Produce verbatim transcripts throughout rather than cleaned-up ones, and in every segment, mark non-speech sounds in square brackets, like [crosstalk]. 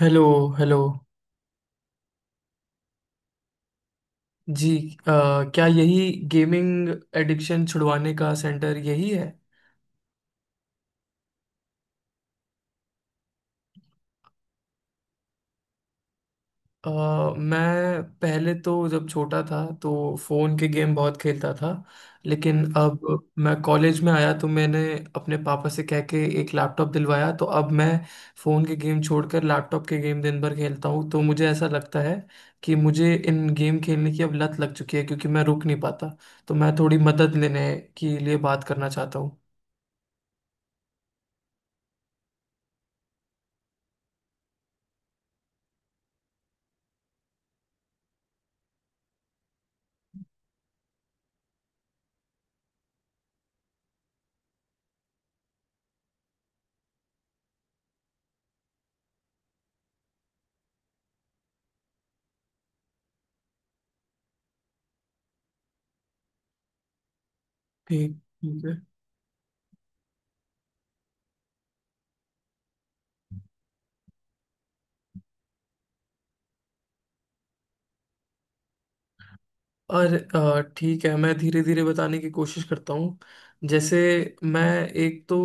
Hello. Hello. जी। अ, क्या यही गेमिंग एडिक्शन छुड़वाने का सेंटर यही है? अ, मैं पहले तो जब छोटा था तो फ़ोन के गेम बहुत खेलता था। लेकिन अब मैं कॉलेज में आया तो मैंने अपने पापा से कह के एक लैपटॉप दिलवाया, तो अब मैं फ़ोन के गेम छोड़कर लैपटॉप के गेम दिन भर खेलता हूँ। तो मुझे ऐसा लगता है कि मुझे इन गेम खेलने की अब लत लग चुकी है, क्योंकि मैं रुक नहीं पाता। तो मैं थोड़ी मदद लेने के लिए बात करना चाहता हूँ। ठीक। ठीक है। और अ, ठीक है, मैं धीरे धीरे बताने की कोशिश करता हूँ। जैसे, मैं, एक तो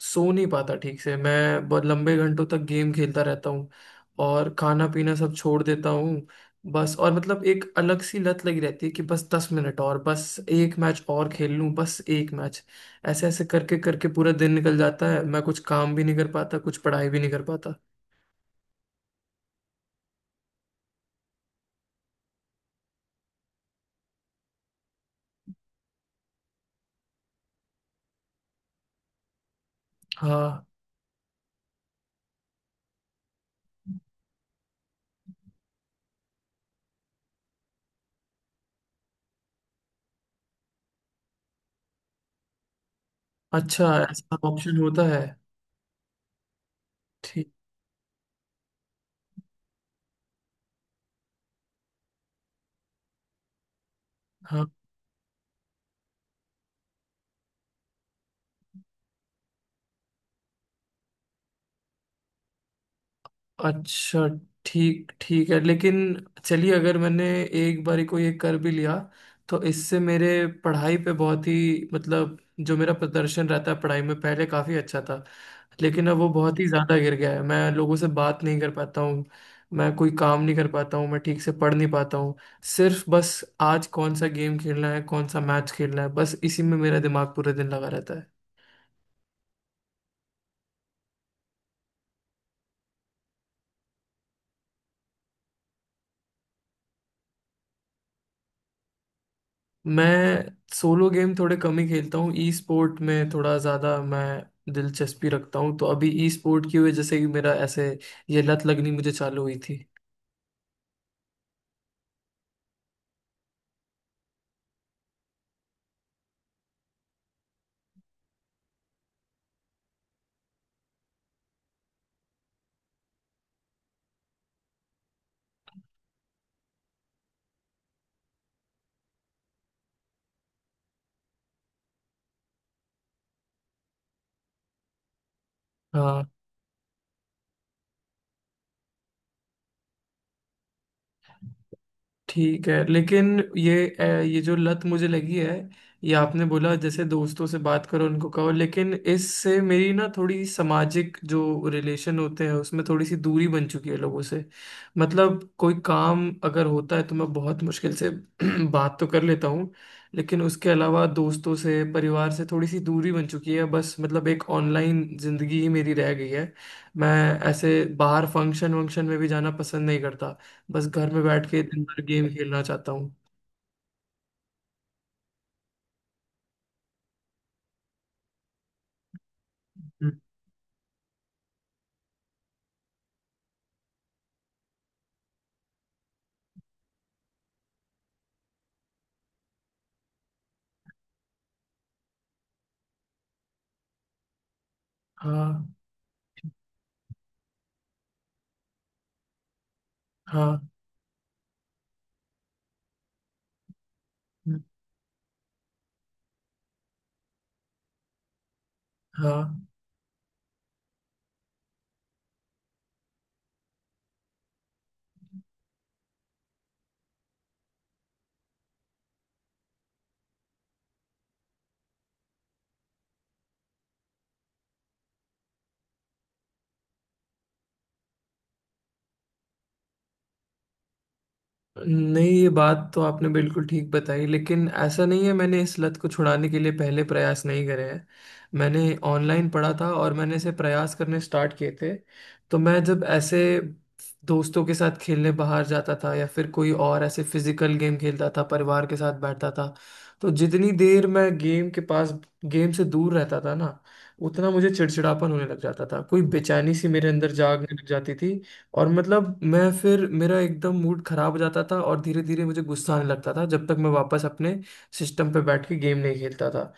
सो नहीं पाता ठीक से, मैं बहुत लंबे घंटों तक गेम खेलता रहता हूँ और खाना पीना सब छोड़ देता हूँ। बस, और मतलब एक अलग सी लत लगी रहती है कि बस दस मिनट और, बस एक मैच और खेल लूँ, बस एक मैच। ऐसे ऐसे करके करके पूरा दिन निकल जाता है, मैं कुछ काम भी नहीं कर पाता, कुछ पढ़ाई भी नहीं कर पाता। हाँ। अच्छा, ऐसा ऑप्शन होता है? ठीक। हाँ। अच्छा। ठीक। ठीक है, लेकिन चलिए, अगर मैंने एक बारी को ये कर भी लिया तो इससे मेरे पढ़ाई पे, बहुत ही मतलब जो मेरा प्रदर्शन रहता है पढ़ाई में पहले काफ़ी अच्छा था, लेकिन अब वो बहुत ही ज़्यादा गिर गया है। मैं लोगों से बात नहीं कर पाता हूँ, मैं कोई काम नहीं कर पाता हूँ, मैं ठीक से पढ़ नहीं पाता हूँ। सिर्फ बस आज कौन सा गेम खेलना है, कौन सा मैच खेलना है, बस इसी में मेरा दिमाग पूरे दिन लगा रहता है। मैं सोलो गेम थोड़े कम ही खेलता हूँ, ई स्पोर्ट में थोड़ा ज़्यादा मैं दिलचस्पी रखता हूँ, तो अभी ई स्पोर्ट की वजह से ही मेरा ऐसे ये लत लगनी मुझे चालू हुई थी। हाँ। ठीक है, लेकिन ये अ, ये जो लत मुझे लगी है, ये आपने बोला जैसे दोस्तों से बात करो, उनको कहो, लेकिन इससे मेरी ना थोड़ी सामाजिक जो रिलेशन होते हैं उसमें थोड़ी सी दूरी बन चुकी है लोगों से। मतलब कोई काम अगर होता है तो मैं बहुत मुश्किल से [clears throat] बात तो कर लेता हूँ, लेकिन उसके अलावा दोस्तों से, परिवार से थोड़ी सी दूरी बन चुकी है, बस मतलब एक ऑनलाइन जिंदगी ही मेरी रह गई है। मैं ऐसे बाहर फंक्शन वंक्शन में भी जाना पसंद नहीं करता, बस घर में बैठ के दिन भर गेम खेलना चाहता हूँ। हम्म। हाँ। हाँ। हम्म। हाँ। नहीं, ये बात तो आपने बिल्कुल ठीक बताई, लेकिन ऐसा नहीं है, मैंने इस लत को छुड़ाने के लिए पहले प्रयास नहीं करे हैं। मैंने ऑनलाइन पढ़ा था और मैंने इसे प्रयास करने स्टार्ट किए थे। तो मैं जब ऐसे दोस्तों के साथ खेलने बाहर जाता था, या फिर कोई और ऐसे फिजिकल गेम खेलता था, परिवार के साथ बैठता था, तो जितनी देर मैं गेम के पास गेम से दूर रहता था ना, उतना मुझे चिड़चिड़ापन होने लग जाता था, कोई बेचैनी सी मेरे अंदर जागने लग जाती थी। और मतलब मैं फिर मेरा एकदम मूड खराब हो जाता था और धीरे धीरे मुझे गुस्सा आने लगता था, जब तक मैं वापस अपने सिस्टम पे बैठ के गेम नहीं खेलता था।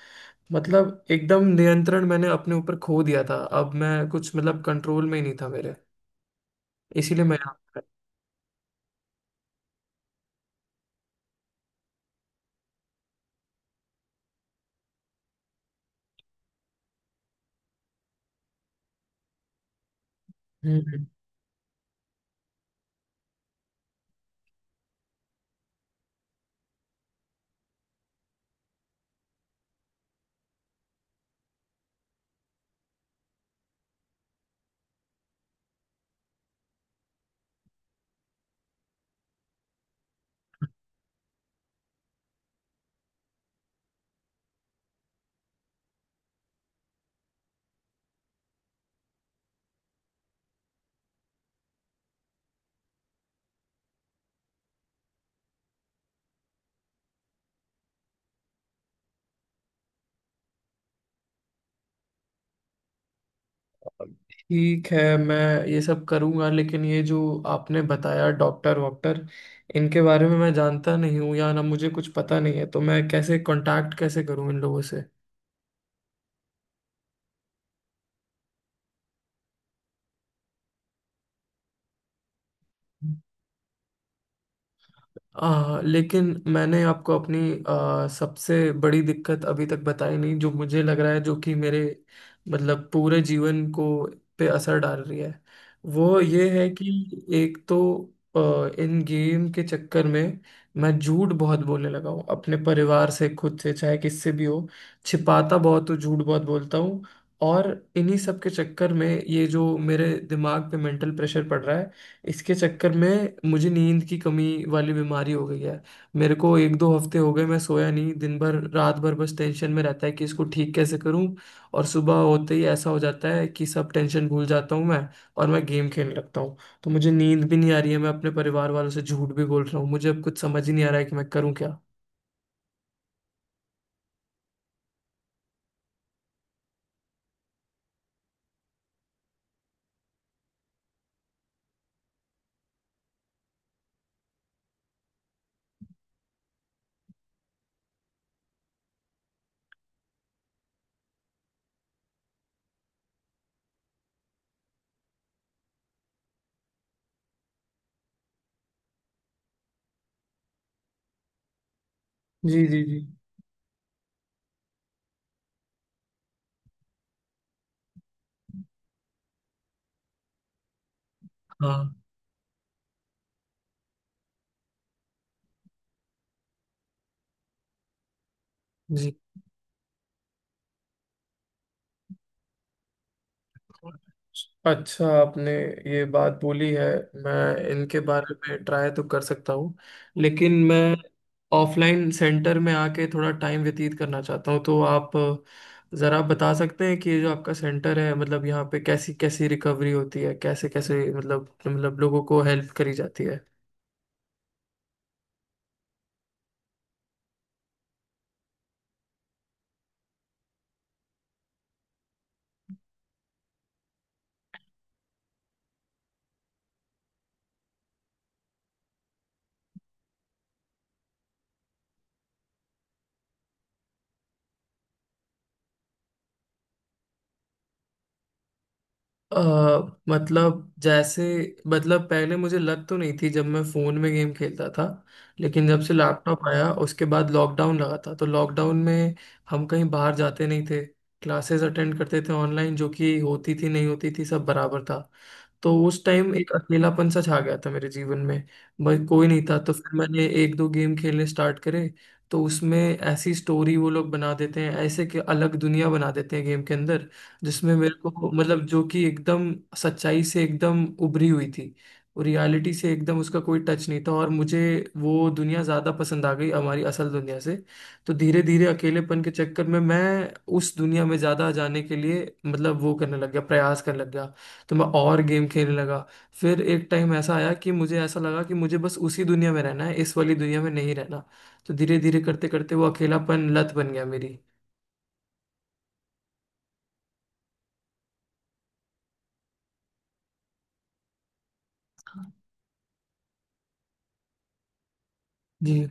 मतलब एकदम नियंत्रण मैंने अपने ऊपर खो दिया था, अब मैं कुछ मतलब कंट्रोल में ही नहीं था मेरे, इसीलिए मैं। हम्म। हम्म। ठीक है, मैं ये सब करूंगा, लेकिन ये जो आपने बताया डॉक्टर वॉक्टर, इनके बारे में मैं जानता नहीं हूँ, या ना मुझे कुछ पता नहीं है, तो मैं कैसे कांटेक्ट कैसे करूँ इन लोगों से? आ, लेकिन मैंने आपको अपनी आ, सबसे बड़ी दिक्कत अभी तक बताई नहीं, जो मुझे लग रहा है, जो कि मेरे मतलब पूरे जीवन को पे असर डाल रही है। वो ये है कि एक तो आ, इन गेम के चक्कर में मैं झूठ बहुत बोलने लगा हूँ, अपने परिवार से, खुद से, चाहे किससे भी हो, छिपाता बहुत हूँ, झूठ बहुत बोलता हूँ। और इन्हीं सब के चक्कर में ये जो मेरे दिमाग पे मेंटल प्रेशर पड़ रहा है, इसके चक्कर में मुझे नींद की कमी वाली बीमारी हो गई है। मेरे को एक दो हफ्ते हो गए मैं सोया नहीं, दिन भर रात भर बस टेंशन में रहता है कि इसको ठीक कैसे करूं। और सुबह होते ही ऐसा हो जाता है कि सब टेंशन भूल जाता हूं मैं, और मैं गेम खेलने लगता हूं। तो मुझे नींद भी नहीं आ रही है, मैं अपने परिवार वालों से झूठ भी बोल रहा हूँ, मुझे अब कुछ समझ ही नहीं आ रहा है कि मैं करूँ क्या। जी जी जी। हाँ जी। अच्छा, आपने ये बात बोली है, मैं इनके बारे में ट्राई तो कर सकता हूँ। लेकिन मैं ऑफलाइन सेंटर में आके थोड़ा टाइम व्यतीत करना चाहता हूँ, तो आप ज़रा बता सकते हैं कि ये जो आपका सेंटर है, मतलब यहाँ पे कैसी कैसी रिकवरी होती है, कैसे कैसे मतलब मतलब लोगों को हेल्प करी जाती है? अ मतलब जैसे, मतलब पहले मुझे लत तो नहीं थी जब मैं फोन में गेम खेलता था। लेकिन जब से लैपटॉप आया, उसके बाद लॉकडाउन लगा था, तो लॉकडाउन में हम कहीं बाहर जाते नहीं थे। क्लासेस अटेंड करते थे ऑनलाइन, जो कि होती थी नहीं होती थी सब बराबर था। तो उस टाइम एक अकेलापन सा छा गया था मेरे जीवन में, भाई कोई नहीं था, तो फिर मैंने एक दो गेम खेलने स्टार्ट करे। तो उसमें ऐसी स्टोरी वो लोग बना देते हैं, ऐसे कि अलग दुनिया बना देते हैं गेम के अंदर, जिसमें मेरे को मतलब जो कि एकदम सच्चाई से एकदम उभरी हुई थी और रियलिटी से एकदम उसका कोई टच नहीं था, और मुझे वो दुनिया ज़्यादा पसंद आ गई हमारी असल दुनिया से। तो धीरे धीरे अकेलेपन के चक्कर में मैं उस दुनिया में ज़्यादा जाने के लिए मतलब वो करने लग गया, प्रयास करने लग गया, तो मैं और गेम खेलने लगा। फिर एक टाइम ऐसा आया कि मुझे ऐसा लगा कि मुझे बस उसी दुनिया में रहना है, इस वाली दुनिया में नहीं रहना। तो धीरे धीरे करते करते वो अकेलापन लत बन गया मेरी। जी।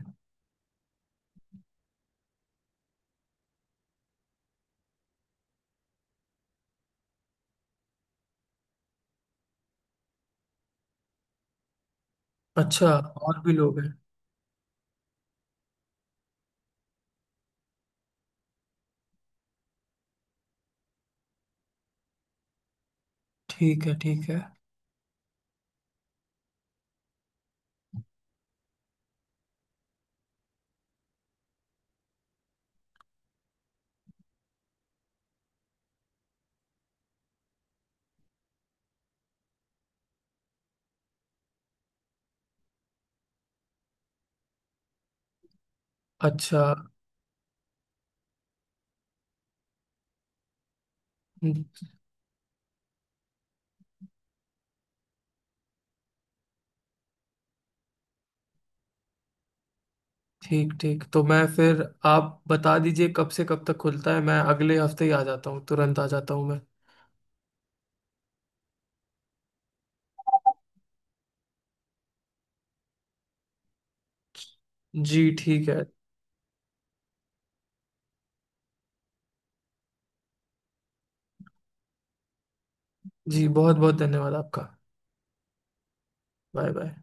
अच्छा। और भी लोग हैं। ठीक है। ठीक है। अच्छा। हम्म। ठीक ठीक, तो मैं फिर, आप बता दीजिए कब से कब तक खुलता है? मैं अगले हफ्ते ही आ जाता हूँ, तुरंत आ जाता हूँ मैं। जी ठीक है। जी बहुत बहुत धन्यवाद आपका। Bye bye.